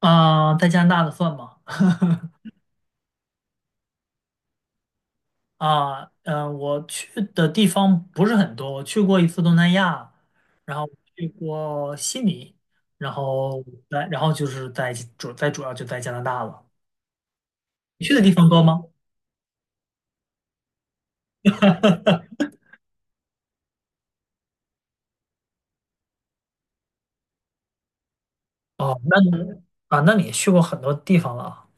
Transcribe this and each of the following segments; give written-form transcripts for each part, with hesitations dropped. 啊，在加拿大的算吗？啊，我去的地方不是很多，我去过一次东南亚，然后去过悉尼，然后在，然后就是在主在主要就在加拿大了。你去的地方多吗？哦，那你也去过很多地方了啊。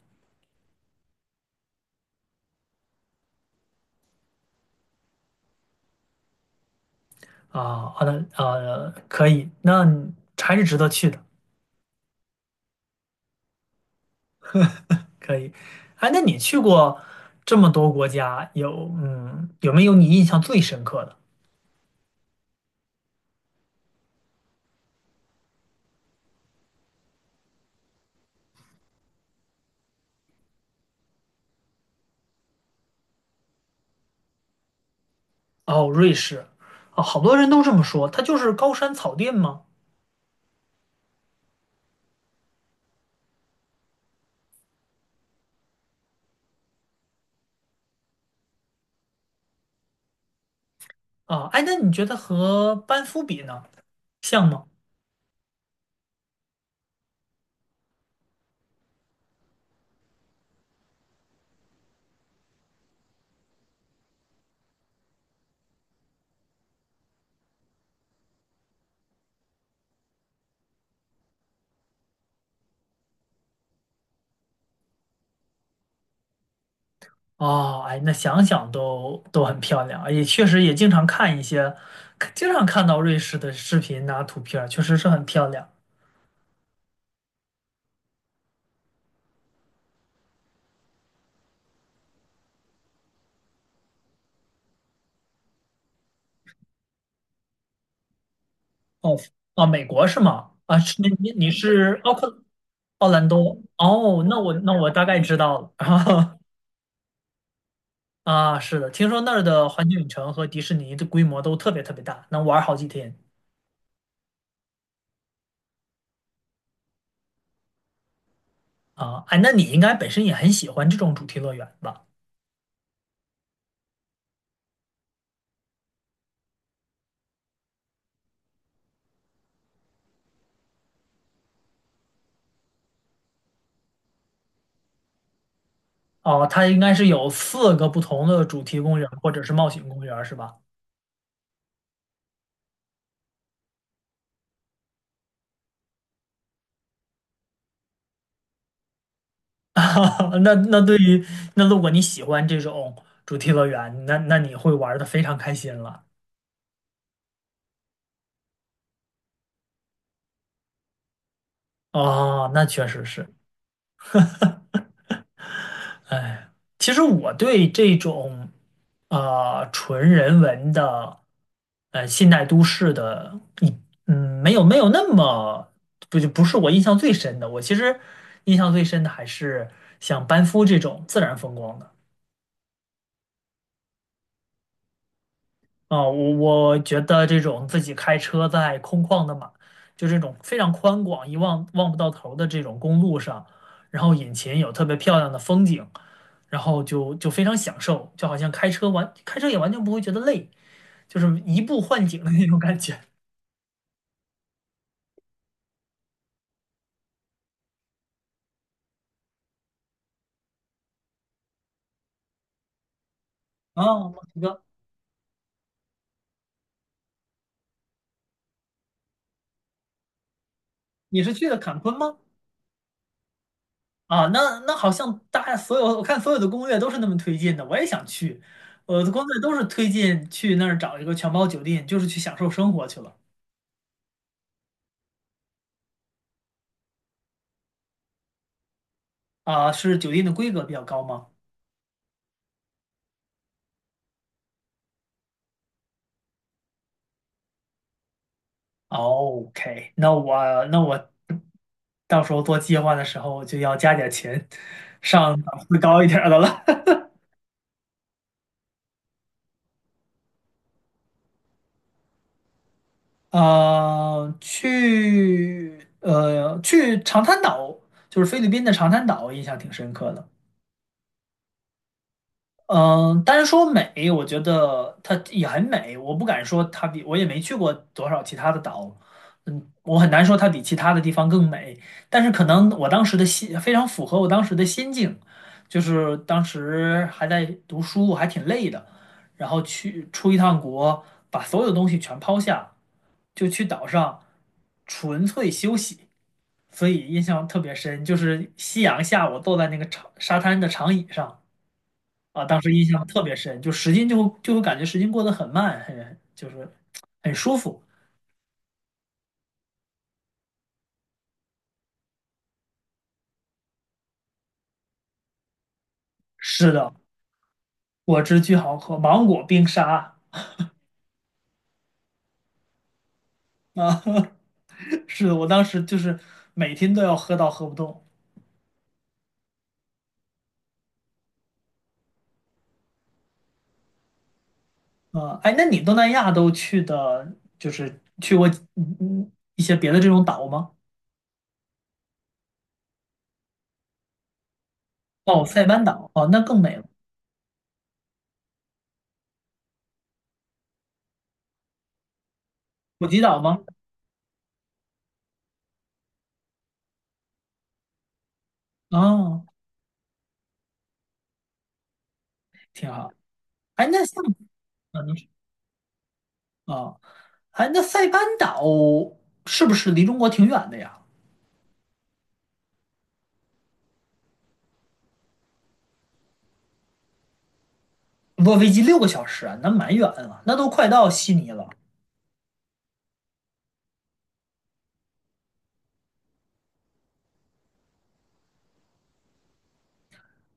啊，好的，可以，那你还是值得去的，可以。哎，那你去过这么多国家，有没有你印象最深刻的？哦，瑞士，啊，好多人都这么说，它就是高山草甸吗？啊，哎，那你觉得和班夫比呢，像吗？哦，哎，那想想都很漂亮，也确实也经常看一些，经常看到瑞士的视频呐、图片儿确实是很漂亮。哦，啊，美国是吗？啊，是你你是奥克奥兰多？哦，那我大概知道了。啊，是的，听说那儿的环球影城和迪士尼的规模都特别特别大，能玩儿好几天。啊，哎，那你应该本身也很喜欢这种主题乐园吧？哦，它应该是有4个不同的主题公园或者是冒险公园，是吧？那那对于那如果你喜欢这种主题乐园，那你会玩的非常开心了。哦，那确实是。哎，其实我对这种纯人文的现代都市的，没有那么不是我印象最深的。我其实印象最深的还是像班夫这种自然风光的。啊，我觉得这种自己开车在空旷的马，就这种非常宽广、望不到头的这种公路上，然后眼前有特别漂亮的风景，然后就非常享受，就好像开车也完全不会觉得累，就是移步换景的那种感觉。啊。墨西哥，你是去的坎昆吗？啊，那好像大家所有我看所有的攻略都是那么推荐的，我也想去，我的攻略都是推荐去那儿找一个全包酒店，就是去享受生活去了。啊，是酒店的规格比较高吗？OK，那我到时候做计划的时候就要加点钱，上档次高一点儿的了。啊，去长滩岛，就是菲律宾的长滩岛，印象挺深刻的。嗯，单说美，我觉得它也很美，我不敢说它比，我也没去过多少其他的岛，嗯，我很难说它比其他的地方更美，但是可能我当时的心非常符合我当时的心境，就是当时还在读书，还挺累的，然后去出一趟国，把所有东西全抛下，就去岛上纯粹休息，所以印象特别深，就是夕阳下我坐在那个长沙滩的长椅上。啊，当时印象特别深，时间就会感觉时间过得很慢，很舒服。是的，果汁巨好喝，芒果冰沙啊，是的，我当时就是每天都要喝到喝不动啊。哎，那你东南亚都去的，就是去过一些别的这种岛吗？哦，塞班岛哦，那更美了。普吉岛吗？哦，挺好。哎，那像啊，你说啊，哎，那塞班岛是不是离中国挺远的呀？坐飞机6个小时啊，那蛮远了，那都快到悉尼了。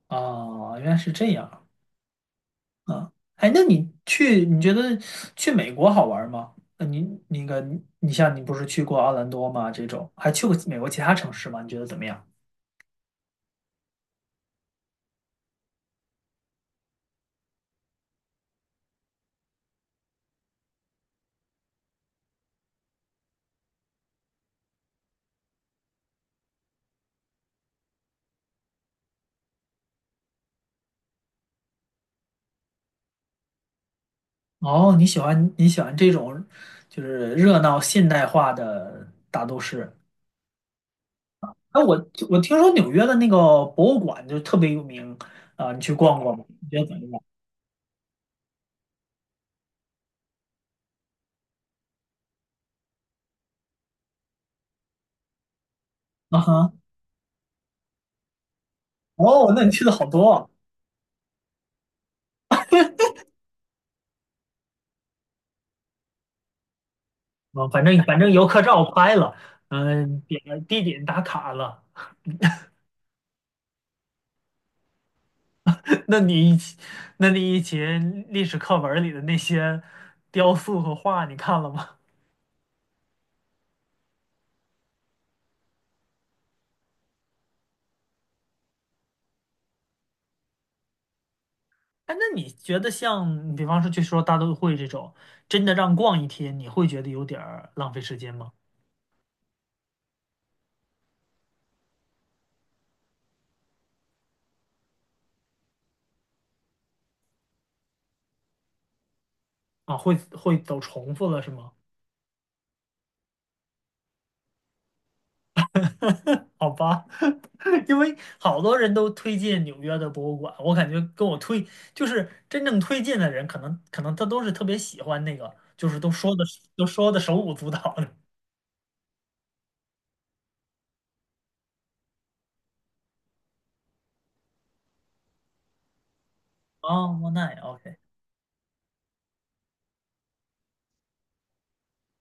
哦，原来是这样啊。哎，那你去，你觉得去美国好玩吗？那你那个，你像你不是去过奥兰多吗？这种还去过美国其他城市吗？你觉得怎么样？哦，你喜欢这种就是热闹现代化的大都市。哎，我听说纽约的那个博物馆就特别有名啊，你去逛过吗？你觉得怎么样？啊哈，哦，那你去的好多啊啊，反正游客照拍了，地点打卡了。那你以前，那你以前历史课文里的那些雕塑和画，你看了吗？哎，那你觉得像，比方说说大都会这种，真的让逛一天，你会觉得有点儿浪费时间吗？啊，会走重复了是吗？好吧，因为好多人都推荐纽约的博物馆，我感觉跟我推就是真正推荐的人，可能他都是特别喜欢那个，就是都说的手舞足蹈的。哦，莫奈，OK，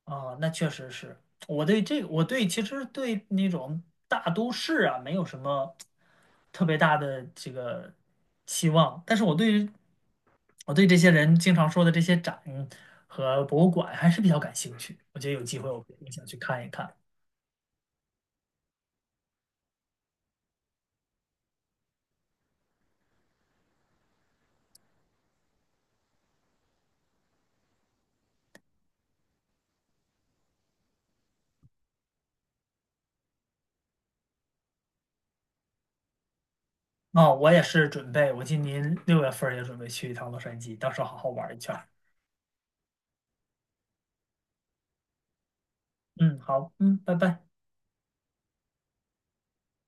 哦，那确实是。我对这个，我对其实对那种大都市啊，没有什么特别大的这个期望，但是我对这些人经常说的这些展和博物馆还是比较感兴趣。我觉得有机会我肯定想去看一看。哦，我也是准备，我今年6月份儿也准备去一趟洛杉矶，到时候好好玩儿一圈儿。嗯，好，嗯，拜拜。